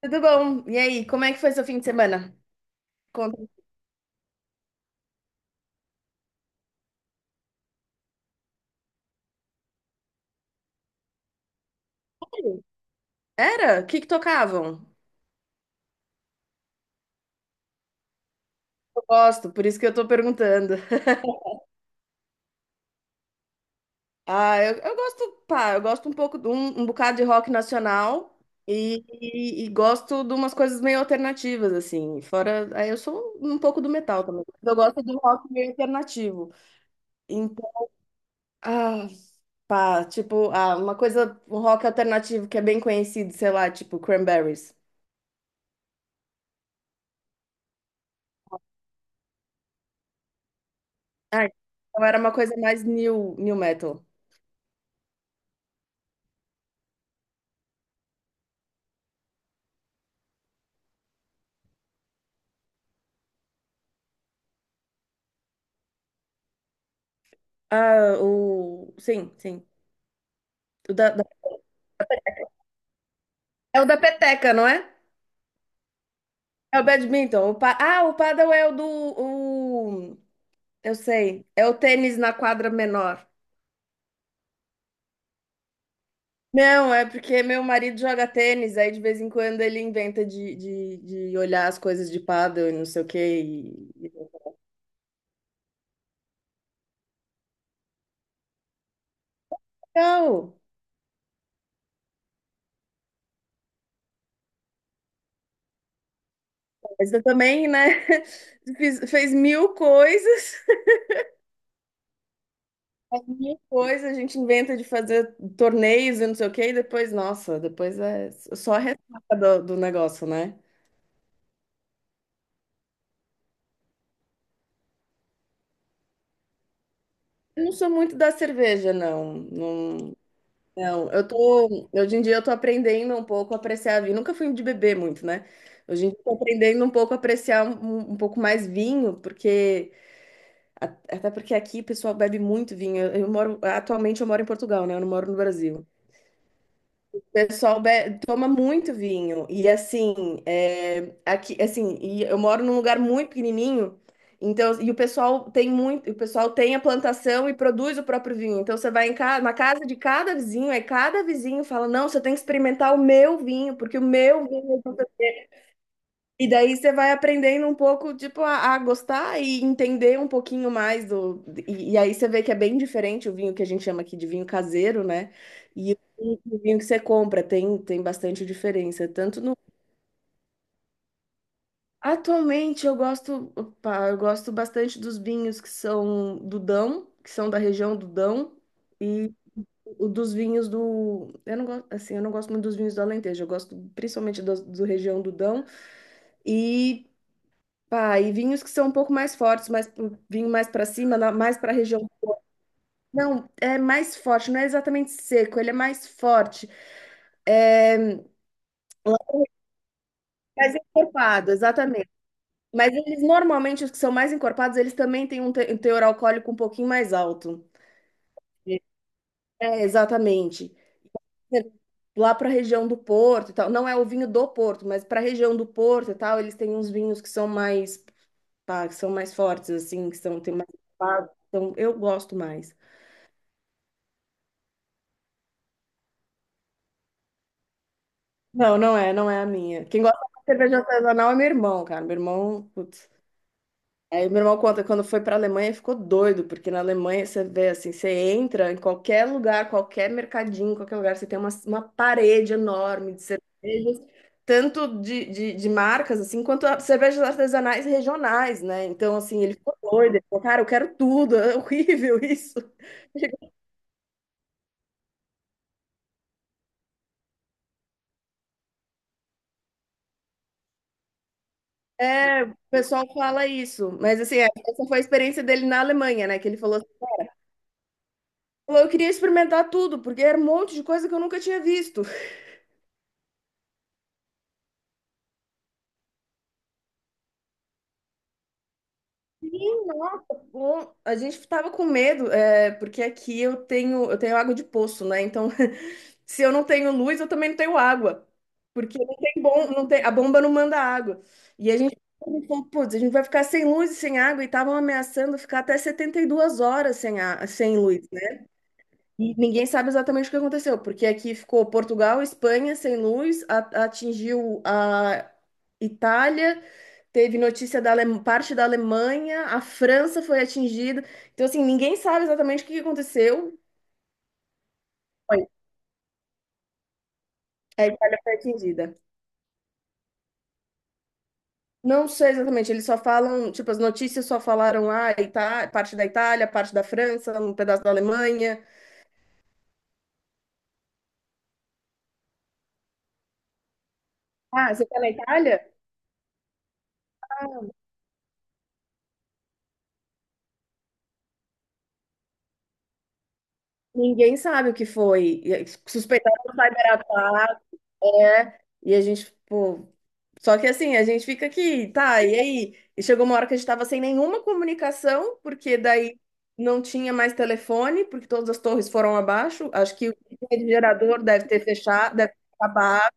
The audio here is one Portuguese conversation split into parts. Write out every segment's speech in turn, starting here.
Tudo bom? E aí, como é que foi seu fim de semana? Conta um pouquinho. Era? O que que tocavam? Eu gosto, por isso que eu tô perguntando. Ah, eu gosto, pá, eu gosto um pouco de um bocado de rock nacional e gosto de umas coisas meio alternativas, assim. Fora, aí eu sou um pouco do metal também. Eu gosto de um rock meio alternativo. Então, ah, pá, tipo, uma coisa, um rock alternativo que é bem conhecido, sei lá, tipo Cranberries. Ah, então era uma coisa mais new metal. Ah, o. Sim, sim. O da, da- É o da peteca, não é? É o badminton. O pa... Ah, o paddle é o do. O... Eu sei. É o tênis na quadra menor. Não, é porque meu marido joga tênis, aí de vez em quando ele inventa de olhar as coisas de paddle e não sei o quê. E... e- Legal! Mas eu também, né? Fez mil coisas. Alguma coisa a gente inventa de fazer torneios e não sei o quê, e depois, nossa, depois é só a ressaca do, do negócio, né? Eu não sou muito da cerveja, não. Não, não. Eu tô, hoje em dia eu tô aprendendo um pouco a apreciar vinho. Nunca fui de beber muito, né? Hoje em dia eu tô aprendendo um pouco a apreciar um pouco mais vinho, porque a- até porque aqui o pessoal bebe muito vinho. Eu moro, atualmente eu moro em Portugal, né? Eu não moro no Brasil. Pessoal be- toma muito vinho. E assim, é, aqui, assim, e eu moro num lugar muito pequenininho. Então, e o pessoal tem muito, o pessoal tem a plantação e produz o próprio vinho. Então você vai em casa na casa de cada vizinho, aí cada vizinho fala: "Não, você tem que experimentar o meu vinho, porque o meu vinho é especial." E daí você vai aprendendo um pouco, tipo, a gostar e entender um pouquinho mais do. E aí você vê que é bem diferente o vinho que a gente chama aqui de vinho caseiro, né? E o vinho que você compra tem, tem bastante diferença. Tanto no. Atualmente eu gosto, opa, eu gosto bastante dos vinhos que são do Dão, que são da região do Dão, e o dos vinhos do. Eu não gosto, assim, eu não gosto muito dos vinhos do Alentejo, eu gosto principalmente do região do Dão. E pá, e vinhos que são um pouco mais fortes, vinho mais para cima, mais para a região. Não, é mais forte, não é exatamente seco, ele é mais forte, é mais encorpado, exatamente. Mas eles normalmente, os que são mais encorpados, eles também têm um teor alcoólico um pouquinho mais alto. É, exatamente. Lá para a região do Porto e tal, não é o vinho do Porto, mas para a região do Porto e tal, eles têm uns vinhos que são mais, pá, que são mais fortes, assim, que são, tem mais. Então, eu gosto mais. Não, não é, não é a minha. Quem gosta de cerveja artesanal é meu irmão, cara. Meu irmão, putz. Aí meu irmão conta que quando foi pra Alemanha ele ficou doido, porque na Alemanha você vê assim, você entra em qualquer lugar, qualquer mercadinho, qualquer lugar, você tem uma parede enorme de cervejas, tanto de marcas assim, quanto cervejas artesanais regionais, né? Então, assim, ele ficou doido, ele falou, cara, eu quero tudo, é horrível isso. É, o pessoal fala isso, mas assim, é, essa foi a experiência dele na Alemanha, né? Que ele falou eu queria experimentar tudo, porque era um monte de coisa que eu nunca tinha visto. Sim, nossa, bom. A gente tava com medo, é, porque aqui eu tenho água de poço, né? Então, se eu não tenho luz, eu também não tenho água. Porque não tem bom, não tem, a bomba não manda água. E a gente falou, putz, a gente vai ficar sem luz e sem água, e estavam ameaçando ficar até 72 horas sem, a, sem luz. E ninguém sabe exatamente o que aconteceu, porque aqui ficou Portugal, Espanha sem luz, atingiu a Itália, teve notícia da parte da Alemanha, a França foi atingida. Então, assim, ninguém sabe exatamente o que aconteceu. Foi. A Itália foi atingida. Não sei exatamente, eles só falam, tipo, as notícias só falaram, ah, parte da Itália, parte da França, um pedaço da Alemanha. Ah, você tá na Itália? Ninguém sabe o que foi. E aí, suspeitaram um cyberataque, né? E a gente, pô, só que assim, a gente fica aqui, tá, e aí? E chegou uma hora que a gente tava sem nenhuma comunicação, porque daí não tinha mais telefone, porque todas as torres foram abaixo. Acho que o gerador deve ter fechado, deve ter acabado.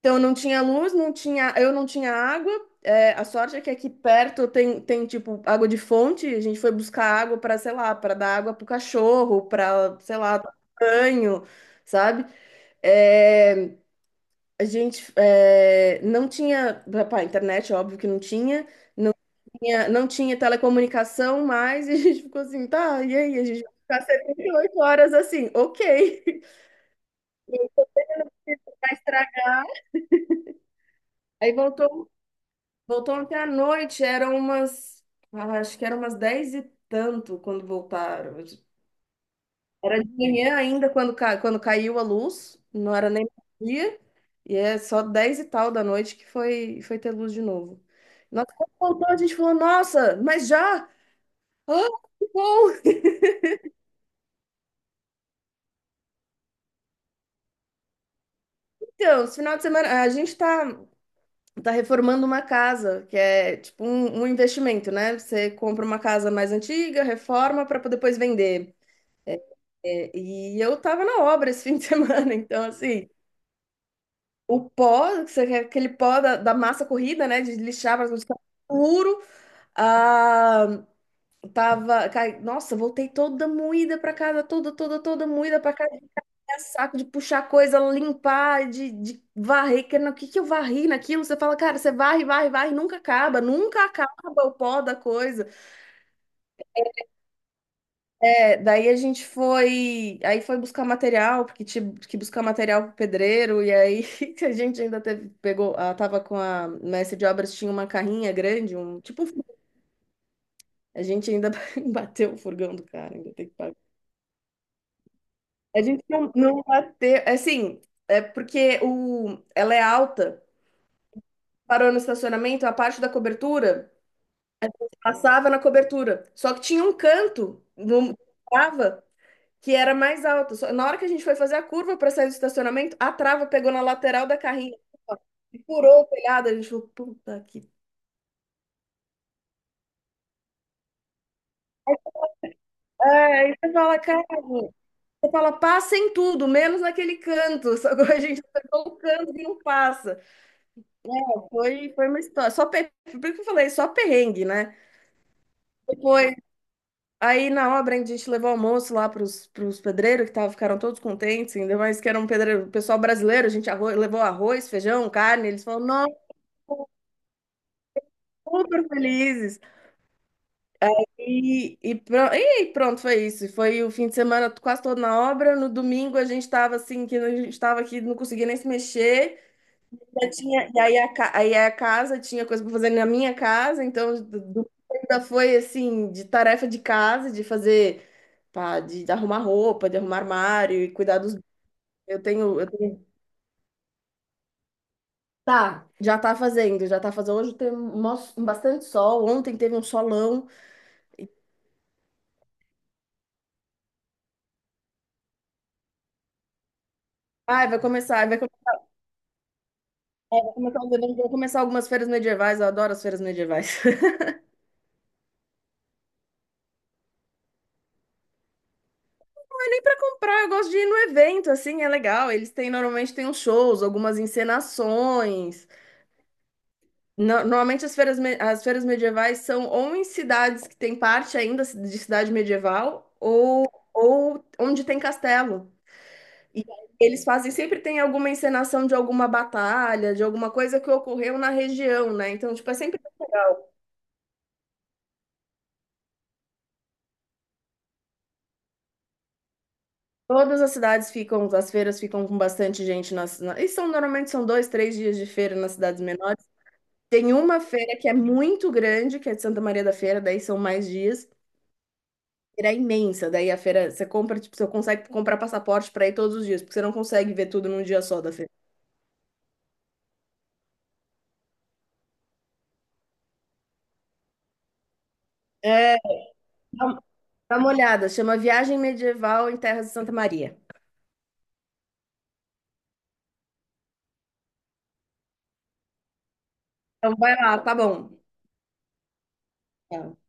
Então não tinha luz, não tinha, eu não tinha água. É, a sorte é que aqui perto tem, tem tipo água de fonte. A gente foi buscar água para, sei lá, para dar água pro cachorro, para, sei lá, tomar banho, sabe? É, a gente não tinha, pá, internet, óbvio que não tinha, não tinha telecomunicação mais, e a gente ficou assim, tá, e aí? A gente vai ficar 78 horas assim, ok, vai estragar. Aí voltou, voltou ontem à noite, eram umas, ah, acho que eram umas 10 e tanto quando voltaram. Era de manhã ainda quando, quando caiu a luz, não era nem dia, e é só 10 e tal da noite que foi, foi ter luz de novo. Nossa, quando voltou, a gente falou, nossa, mas já? Ah, que bom! Então, esse final de semana, a gente tá, tá reformando uma casa, que é tipo um investimento, né? Você compra uma casa mais antiga, reforma para depois vender. É, e eu tava na obra esse fim de semana, então assim. O pó, que você quer aquele pó da, da massa corrida, né? De lixar para ficar puro. Ah, tava. Nossa, voltei toda moída para casa, toda, toda, toda moída para casa. É saco de puxar coisa, limpar, de varrer. Que, o que, que eu varri naquilo? Você fala, cara, você varre, varre, varre, nunca acaba, nunca acaba o pó da coisa. É, daí a gente foi, aí foi buscar material, porque tinha que buscar material pro pedreiro, e aí a gente ainda teve, pegou, ela tava com a mestre de obras, tinha uma carrinha grande, um, tipo, um furgão. A gente ainda bateu o furgão do cara, ainda tem que pagar. A gente não, não bateu, é assim, é porque o, ela é alta, parou no estacionamento, a parte da cobertura, passava na cobertura, só que tinha um canto, não que era mais alto. Na hora que a gente foi fazer a curva para sair do estacionamento, a trava pegou na lateral da carrinha assim, ó, e furou o telhado. A gente falou, puta que. É, aí você fala, cara, você fala, passa em tudo, menos naquele canto. Só que a gente acertou o canto que não passa. Foi, foi uma história. Só per... Por que eu falei, só perrengue, né? Depois, aí na obra a gente levou almoço lá pros, pros pedreiros, que tava, ficaram todos contentes, ainda mais que era um pedreiro, pessoal brasileiro, a gente levou arroz, feijão, carne. Eles falaram, não. Super felizes. E pronto, foi isso. Foi o fim de semana quase todo na obra. No domingo a gente estava assim, que a gente estava aqui, não conseguia nem se mexer. Já tinha, e aí a casa tinha coisa para fazer na minha casa, então ainda foi assim, de tarefa de casa, de fazer, pá, arrumar roupa, de arrumar armário e cuidar dos. Eu tenho, eu tenho. Tá, já tá fazendo, já tá fazendo. Hoje tem um, um bastante sol. Ontem teve um solão. Ai, vai começar. Vai É, vou começar algumas feiras medievais, eu adoro as feiras medievais. Não é nem pra comprar, eu gosto de ir no evento, assim, é legal. Eles têm, normalmente tem uns shows, algumas encenações. Normalmente as feiras, as feiras medievais são ou em cidades que tem parte ainda de cidade medieval, ou onde tem castelo. E eles fazem, sempre tem alguma encenação de alguma batalha, de alguma coisa que ocorreu na região, né? Então, tipo, é sempre legal. Todas as cidades ficam, as feiras ficam com bastante gente nas, na, e são normalmente são 2, 3 dias de feira nas cidades menores. Tem uma feira que é muito grande, que é de Santa Maria da Feira, daí são mais dias. Feira é imensa, daí a feira você compra, tipo, você consegue comprar passaporte para ir todos os dias, porque você não consegue ver tudo num dia só da feira. É, dá um, dá uma olhada, chama Viagem Medieval em Terras de Santa Maria. Então vai lá, tá bom. Tá.